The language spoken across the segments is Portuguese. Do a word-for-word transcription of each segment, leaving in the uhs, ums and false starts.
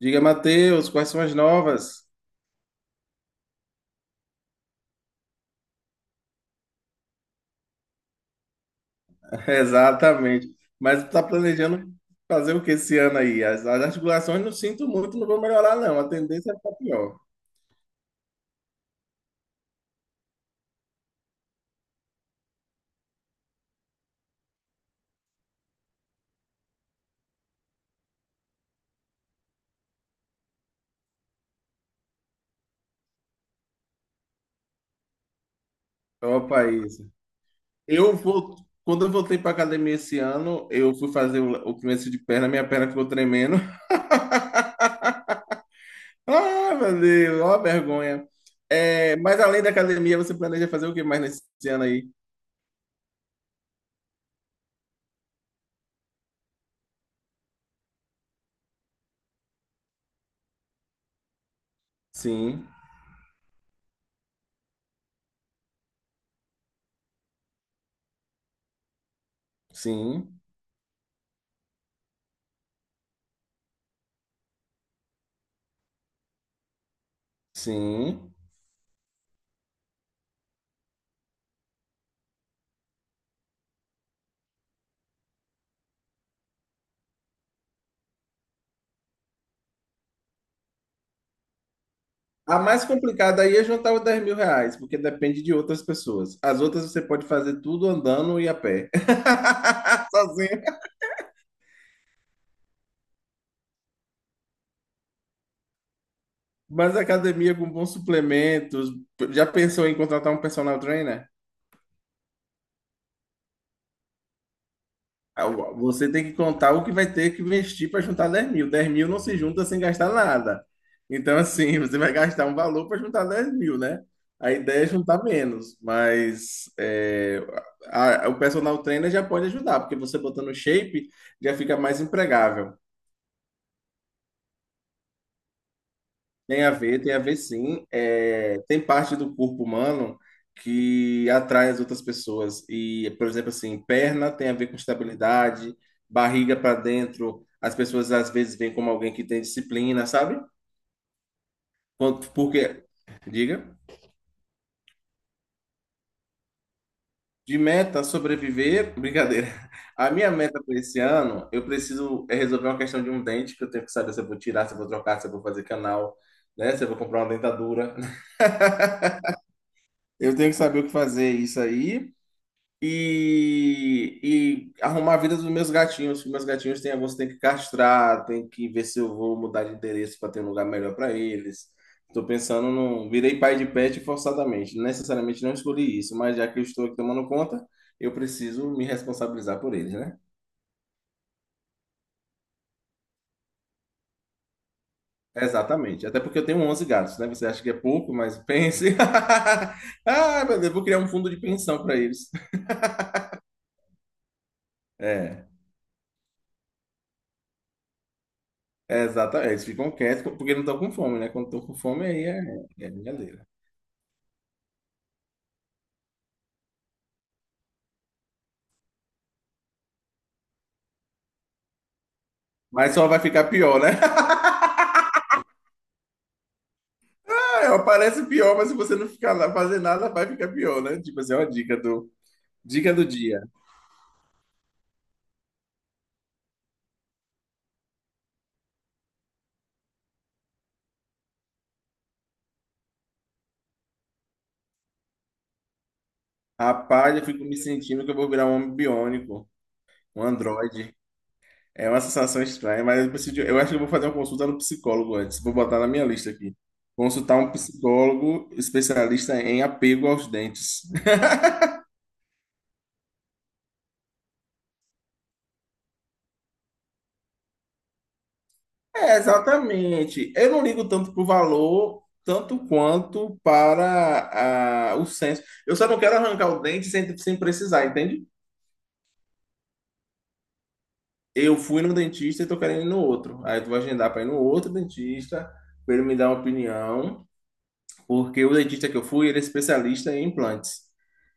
Diga, Matheus, quais são as novas? Exatamente. Mas está planejando fazer o que esse ano aí? As, as articulações não sinto muito, não vão melhorar, não. A tendência é ficar pior. Opa, isso. Eu vou. Quando eu voltei para academia esse ano, eu fui fazer o, o começo de perna, minha perna ficou tremendo. Ah, meu Deus, ó a vergonha. É, mas além da academia, você planeja fazer o que mais nesse ano aí? Sim, sim, sim. A mais complicada aí é juntar os dez mil reais, porque depende de outras pessoas. As outras você pode fazer tudo andando e a pé. Sozinho. Mas a academia com bons suplementos. Já pensou em contratar um personal trainer? Ah, você tem que contar o que vai ter que investir para juntar dez mil. Dez mil não se junta sem gastar nada. Então, assim, você vai gastar um valor para juntar dez mil, né? A ideia é juntar menos, mas é, a- a- o personal trainer já pode ajudar, porque você botando shape já fica mais empregável. Tem a ver, tem a ver sim. É, tem parte do corpo humano que atrai as outras pessoas. E, por exemplo, assim, perna tem a ver com estabilidade, barriga para dentro, as pessoas às vezes veem como alguém que tem disciplina, sabe? Quanto- Porque, diga, de meta sobreviver, brincadeira. A minha meta para esse ano, eu preciso é resolver uma questão de um dente, que eu tenho que saber se eu vou tirar, se eu vou trocar, se eu vou fazer canal, né? Se eu vou comprar uma dentadura. Eu tenho que saber o que fazer isso aí. e, e arrumar a vida dos meus gatinhos. Que Meus gatinhos têm alguns que tem que castrar, tem que ver se eu vou mudar de endereço para ter um lugar melhor para eles. Estou pensando no. Virei pai de pet forçadamente. Necessariamente não escolhi isso, mas já que eu estou aqui tomando conta, eu preciso me responsabilizar por eles, né? Exatamente. Até porque eu tenho onze gatos, né? Você acha que é pouco, mas pense. Ah, meu Deus, vou criar um fundo de pensão para eles. É. É, exatamente, eles ficam quietos porque não estão com fome, né? Quando estão com fome, aí é, é brincadeira. Mas só vai ficar pior, né? Ela parece pior, mas se você não ficar lá fazer nada, vai ficar pior, né? Tipo assim, é uma dica do, dica do dia. Rapaz, eu fico me sentindo que eu vou virar um homem biônico, um androide. É uma sensação estranha, mas eu preciso, de- eu acho que eu vou fazer uma consulta no psicólogo antes. Vou botar na minha lista aqui. Consultar um psicólogo especialista em apego aos dentes. É, exatamente. Eu não ligo tanto pro valor, tanto quanto para a- o senso. Eu só não quero arrancar o dente sem, sem precisar, entende? Eu fui no dentista e tô querendo ir no outro. Aí eu vou agendar para ir no outro dentista, para ele me dar uma opinião, porque o dentista que eu fui, ele é especialista em implantes.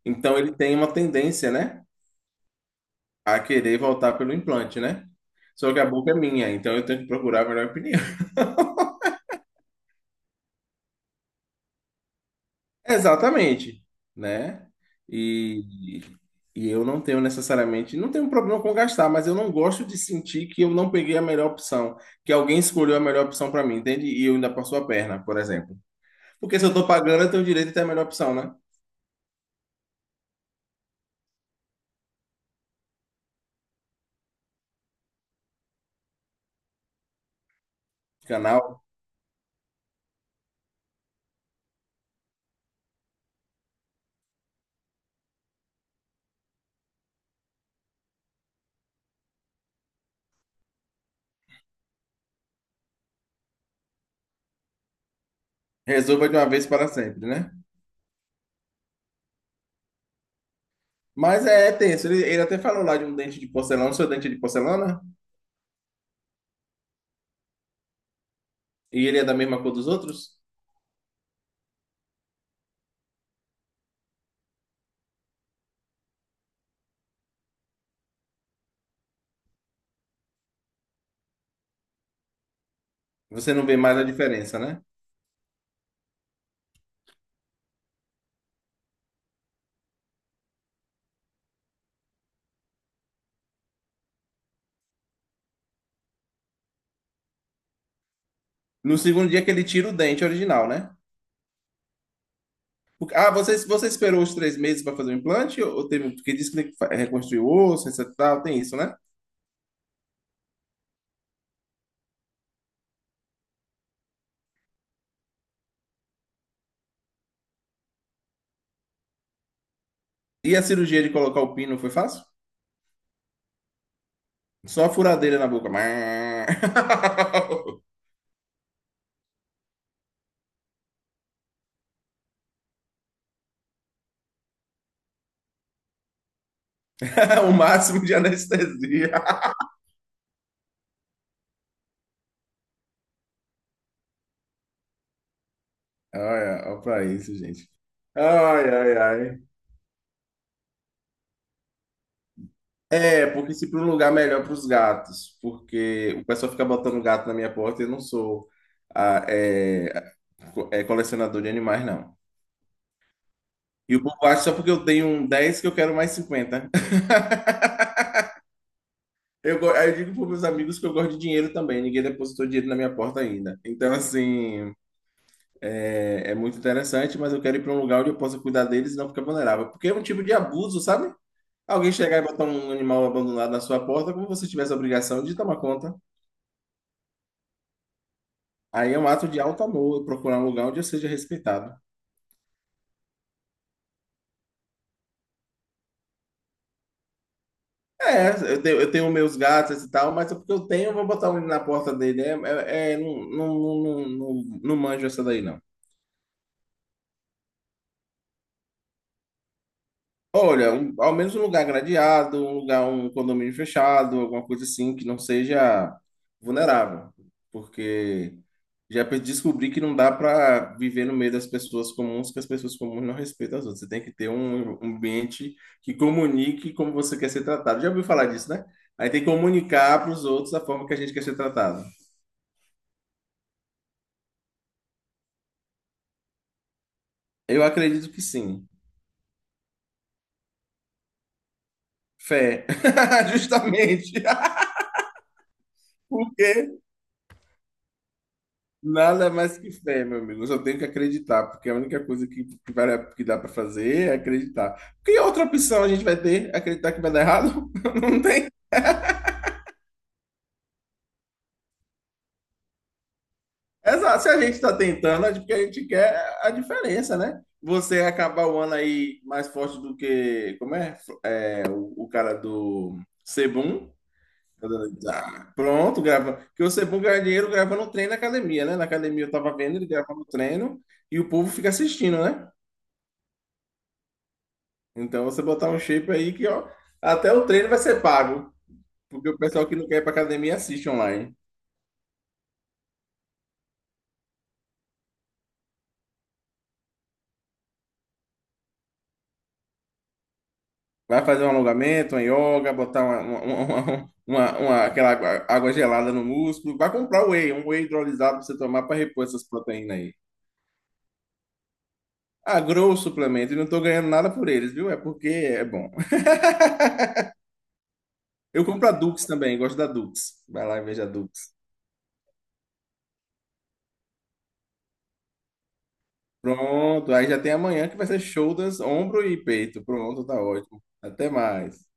Então ele tem uma tendência, né, a querer voltar pelo implante, né? Só que a boca é minha, então eu tenho que procurar a melhor opinião. Exatamente, né? E, e eu não tenho necessariamente, não tenho problema com gastar, mas eu não gosto de sentir que eu não peguei a melhor opção, que alguém escolheu a melhor opção para mim, entende? E eu ainda passo a perna, por exemplo. Porque se eu tô pagando, eu tenho o direito a ter a melhor opção, né? Canal, resolva de uma vez para sempre, né? Mas é, tenso. Ele, ele até falou lá de um dente de porcelana, o seu dente é de porcelana, e ele é da mesma cor dos outros. Você não vê mais a diferença, né? No segundo dia que ele tira o dente original, né? Porque- Ah, você, você esperou os três meses para fazer o implante? Ou ou teve, um, porque disse que tem que fa- reconstruir o osso, etc, tal, tem isso, né? E a cirurgia de colocar o pino foi fácil? Só a furadeira na boca. O máximo de anestesia. Olha, olha pra isso, gente. Ai, ai, ai. É, porque se para um lugar melhor para os gatos, porque o pessoal fica botando gato na minha porta e eu não sou ah, é, co- é, colecionador de animais, não. E o povo acha só porque eu tenho um dez que eu quero mais cinquenta Eu, go- aí eu digo para meus amigos que eu gosto de dinheiro também, ninguém depositou dinheiro na minha porta ainda. Então, assim, é, é muito interessante, mas eu quero ir para um lugar onde eu possa cuidar deles e não ficar vulnerável. Porque é um tipo de abuso, sabe? Alguém chegar e botar um animal abandonado na sua porta, como se você tivesse a obrigação de tomar conta. Aí é um ato de alto amor, eu procurar um lugar onde eu seja respeitado. É, eu tenho, eu tenho meus gatos e tal, mas é porque eu tenho, eu vou botar um na porta dele. É, é, é, não, não, não, não, não não manjo essa daí, não. Olha, um- ao menos um lugar gradeado, um lugar, um condomínio fechado, alguma coisa assim que não seja vulnerável. Porque já pe- descobri que não dá para viver no meio das pessoas comuns, que as pessoas comuns não respeitam as outras. Você tem que ter um um ambiente que comunique como você quer ser tratado. Já ouviu falar disso, né? Aí tem que comunicar para os outros a forma que a gente quer ser tratado. Eu acredito que sim. Fé. Justamente. Porque nada mais que fé, meu amigo. Eu só tenho que acreditar, porque a única coisa que, que, vale- que dá para fazer é acreditar. Que outra opção a gente vai ter? Acreditar que vai dar errado? Não tem. Exato. Se a gente está tentando, é porque a gente quer a diferença, né? Você acabar o ano aí mais forte do que. Como é? É, o, o cara do Sebum. Tá. Pronto, grava. Porque você é bom ganhar dinheiro gravando um treino na academia, né? Na academia eu tava vendo ele gravando o treino e o povo fica assistindo, né? Então você botar um shape aí que, ó, até o treino vai ser pago. Porque o pessoal que não quer ir pra academia assiste online. Vai fazer um alongamento, uma yoga, botar uma, uma, uma- uma- uma- aquela água água gelada no músculo. Vai comprar whey, um whey hidrolisado pra você tomar pra repor essas proteínas aí. Ah, grow suplemento e não tô ganhando nada por eles, viu? É porque é bom. Eu compro a Dux também, gosto da Dux. Vai lá e veja a Dux. Pronto, aí já tem amanhã que vai ser shoulders, ombro e peito. Pronto, tá ótimo. Até mais.